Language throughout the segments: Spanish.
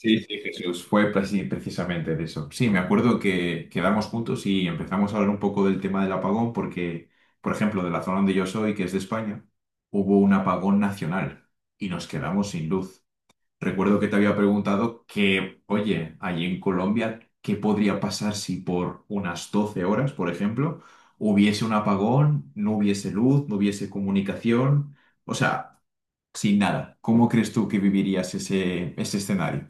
Sí, sí, Jesús, fue precisamente de eso. Sí, me acuerdo que quedamos juntos y empezamos a hablar un poco del tema del apagón porque, por ejemplo, de la zona donde yo soy, que es de España, hubo un apagón nacional y nos quedamos sin luz. Recuerdo que te había preguntado que, oye, allí en Colombia, ¿qué podría pasar si por unas 12 horas, por ejemplo, hubiese un apagón, no hubiese luz, no hubiese comunicación? O sea, sin nada. ¿Cómo crees tú que vivirías ese escenario?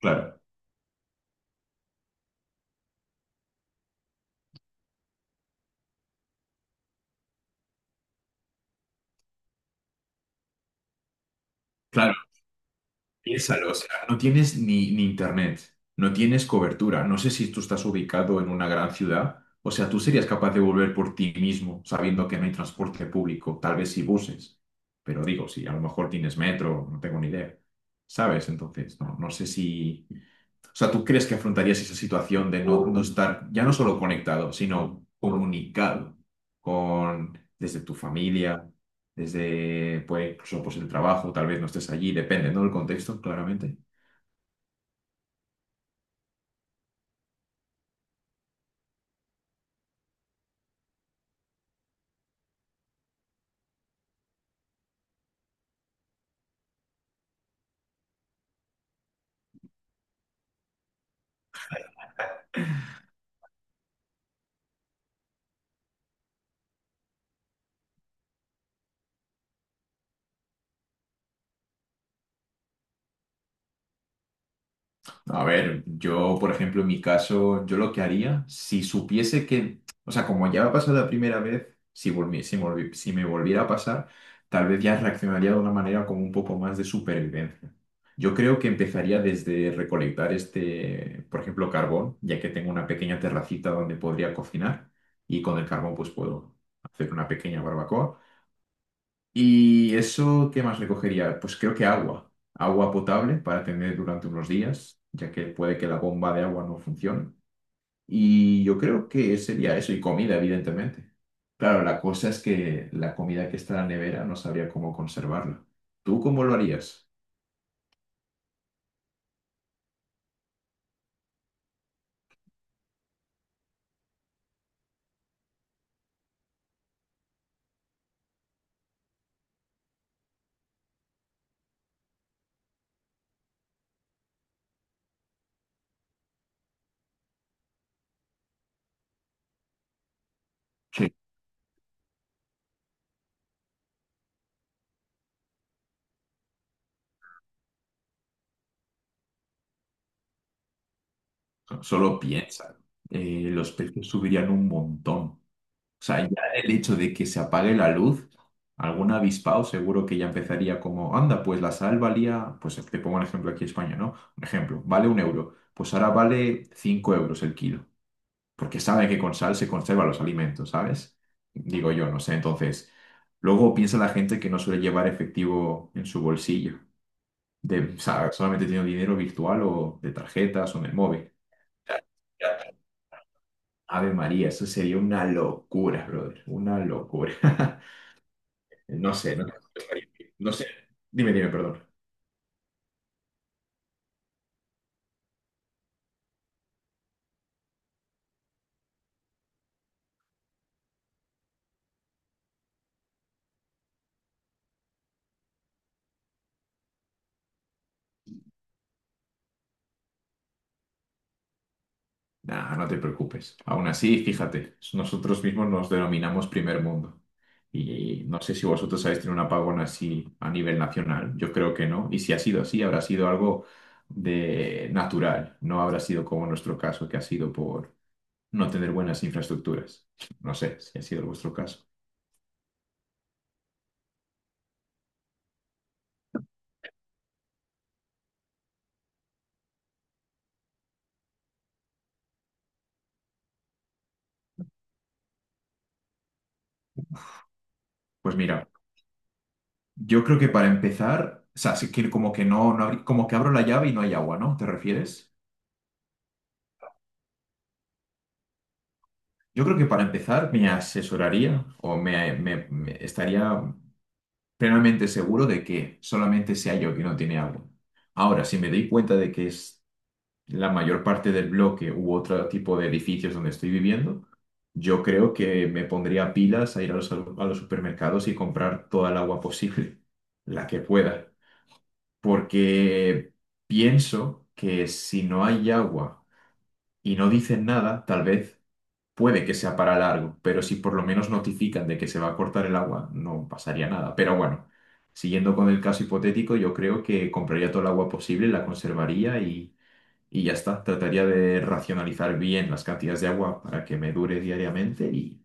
Claro. Claro, piénsalo, o sea, no tienes ni internet, no tienes cobertura, no sé si tú estás ubicado en una gran ciudad, o sea, tú serías capaz de volver por ti mismo sabiendo que no hay transporte público, tal vez si buses, pero digo, si a lo mejor tienes metro, no tengo ni idea, ¿sabes? Entonces, no, no sé si o sea, ¿tú crees que afrontarías esa situación de no estar ya no solo conectado, sino comunicado con desde tu familia, desde pues, incluso pues, el trabajo, tal vez no estés allí, depende, ¿no? Del contexto, claramente. No, a ver, yo, por ejemplo, en mi caso, yo lo que haría, si supiese que, o sea, como ya me ha pasado la primera vez, si me volviera a pasar, tal vez ya reaccionaría de una manera como un poco más de supervivencia. Yo creo que empezaría desde recolectar este, por ejemplo, carbón, ya que tengo una pequeña terracita donde podría cocinar y con el carbón pues puedo hacer una pequeña barbacoa. ¿Y eso qué más recogería? Pues creo que agua. Agua potable para tener durante unos días, ya que puede que la bomba de agua no funcione. Y yo creo que sería eso, y comida, evidentemente. Claro, la cosa es que la comida que está en la nevera no sabría cómo conservarla. ¿Tú cómo lo harías? Sí. Solo piensa. Los precios subirían un montón. O sea, ya el hecho de que se apague la luz, algún avispado seguro que ya empezaría como, anda, pues la sal valía, pues te pongo un ejemplo aquí en España, ¿no? Un ejemplo, vale un euro, pues ahora vale cinco euros el kilo, porque saben que con sal se conservan los alimentos, ¿sabes? Digo yo, no sé, entonces, luego piensa la gente que no suele llevar efectivo en su bolsillo, de, o sea, solamente tiene dinero virtual o de tarjetas o en el móvil. Ave María, eso sería una locura, brother, una locura. No sé, no, no sé. Dime, perdón. Nah, no te preocupes. Aún así, fíjate, nosotros mismos nos denominamos primer mundo. Y no sé si vosotros habéis tenido un apagón así a nivel nacional. Yo creo que no. Y si ha sido así, habrá sido algo de natural. No habrá sido como nuestro caso, que ha sido por no tener buenas infraestructuras. No sé si ha sido vuestro caso. Pues mira, yo creo que para empezar, o sea, sí que como que no, como que abro la llave y no hay agua, ¿no? ¿Te refieres? Yo creo que para empezar me asesoraría o me estaría plenamente seguro de que solamente sea yo que no tiene agua. Ahora, si me doy cuenta de que es la mayor parte del bloque u otro tipo de edificios donde estoy viviendo, yo creo que me pondría pilas a ir a los supermercados y comprar toda el agua posible, la que pueda. Porque pienso que si no hay agua y no dicen nada, tal vez puede que sea para largo, pero si por lo menos notifican de que se va a cortar el agua, no pasaría nada. Pero bueno, siguiendo con el caso hipotético, yo creo que compraría todo el agua posible, la conservaría y ya está. Trataría de racionalizar bien las cantidades de agua para que me dure diariamente y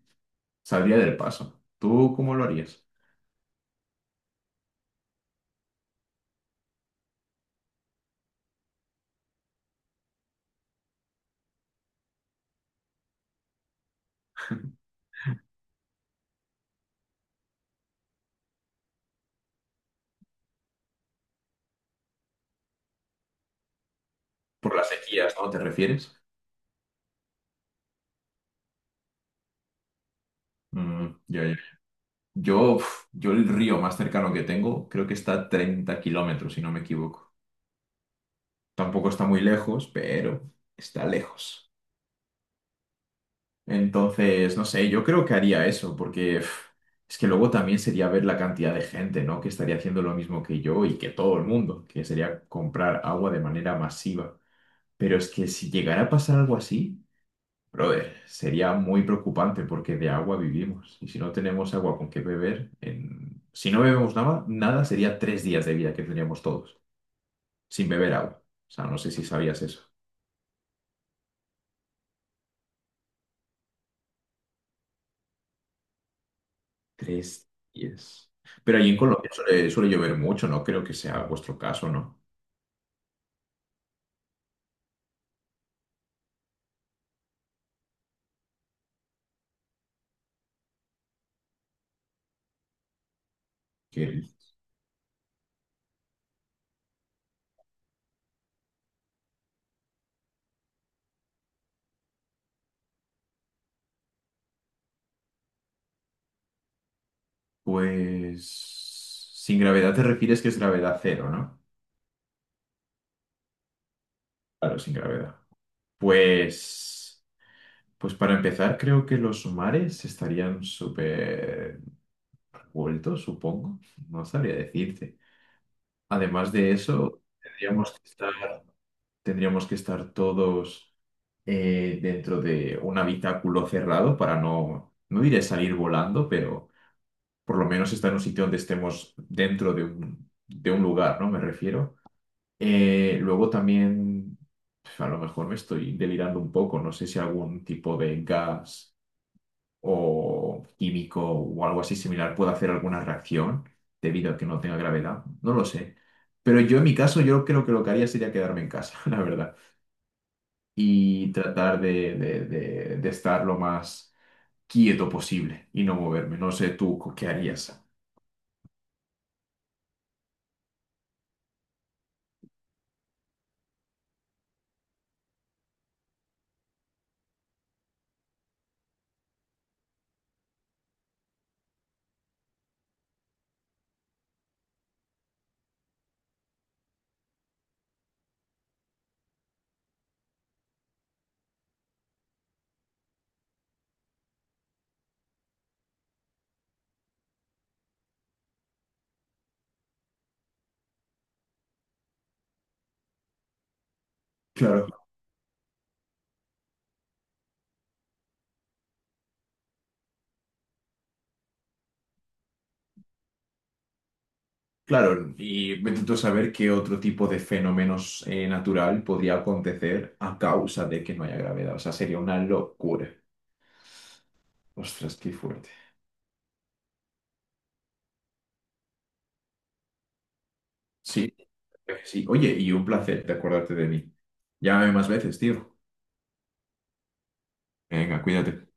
saldría del paso. ¿Tú cómo lo harías? Por las sequías, ¿no? ¿Te refieres? Mm, ya, ya. Yo, uf, yo el río más cercano que tengo creo que está a 30 kilómetros, si no me equivoco. Tampoco está muy lejos, pero está lejos. Entonces, no sé, yo creo que haría eso, porque pf, es que luego también sería ver la cantidad de gente, ¿no? Que estaría haciendo lo mismo que yo y que todo el mundo, que sería comprar agua de manera masiva. Pero es que si llegara a pasar algo así, brother, sería muy preocupante porque de agua vivimos. Y si no tenemos agua con qué beber, en- si no bebemos nada, nada sería 3 días de vida que tendríamos todos, sin beber agua. O sea, no sé si sabías eso. Tres días. Pero allí en Colombia suele llover mucho, no creo que sea vuestro caso, ¿no? Que, pues, sin gravedad te refieres que es gravedad cero, ¿no? Claro, sin gravedad. Pues, pues para empezar, creo que los mares estarían súper revueltos, supongo. No sabría decirte. Además de eso, tendríamos que estar todos dentro de un habitáculo cerrado para no, no diré salir volando, pero por lo menos estar en un sitio donde estemos dentro de un lugar, ¿no? Me refiero. Luego también, pf, a lo mejor me estoy delirando un poco, no sé si algún tipo de gas o químico o algo así similar puede hacer alguna reacción debido a que no tenga gravedad, no lo sé. Pero yo en mi caso, yo creo que lo que haría sería quedarme en casa, la verdad, y tratar de estar lo más quieto posible y no moverme. No sé tú qué harías. Claro, Claro, y me intento saber qué otro tipo de fenómenos natural podría acontecer a causa de que no haya gravedad. O sea, sería una locura. Ostras, qué fuerte. Sí, sí. Oye, y un placer de acordarte de mí. Llámame más veces, tío. Venga, cuídate.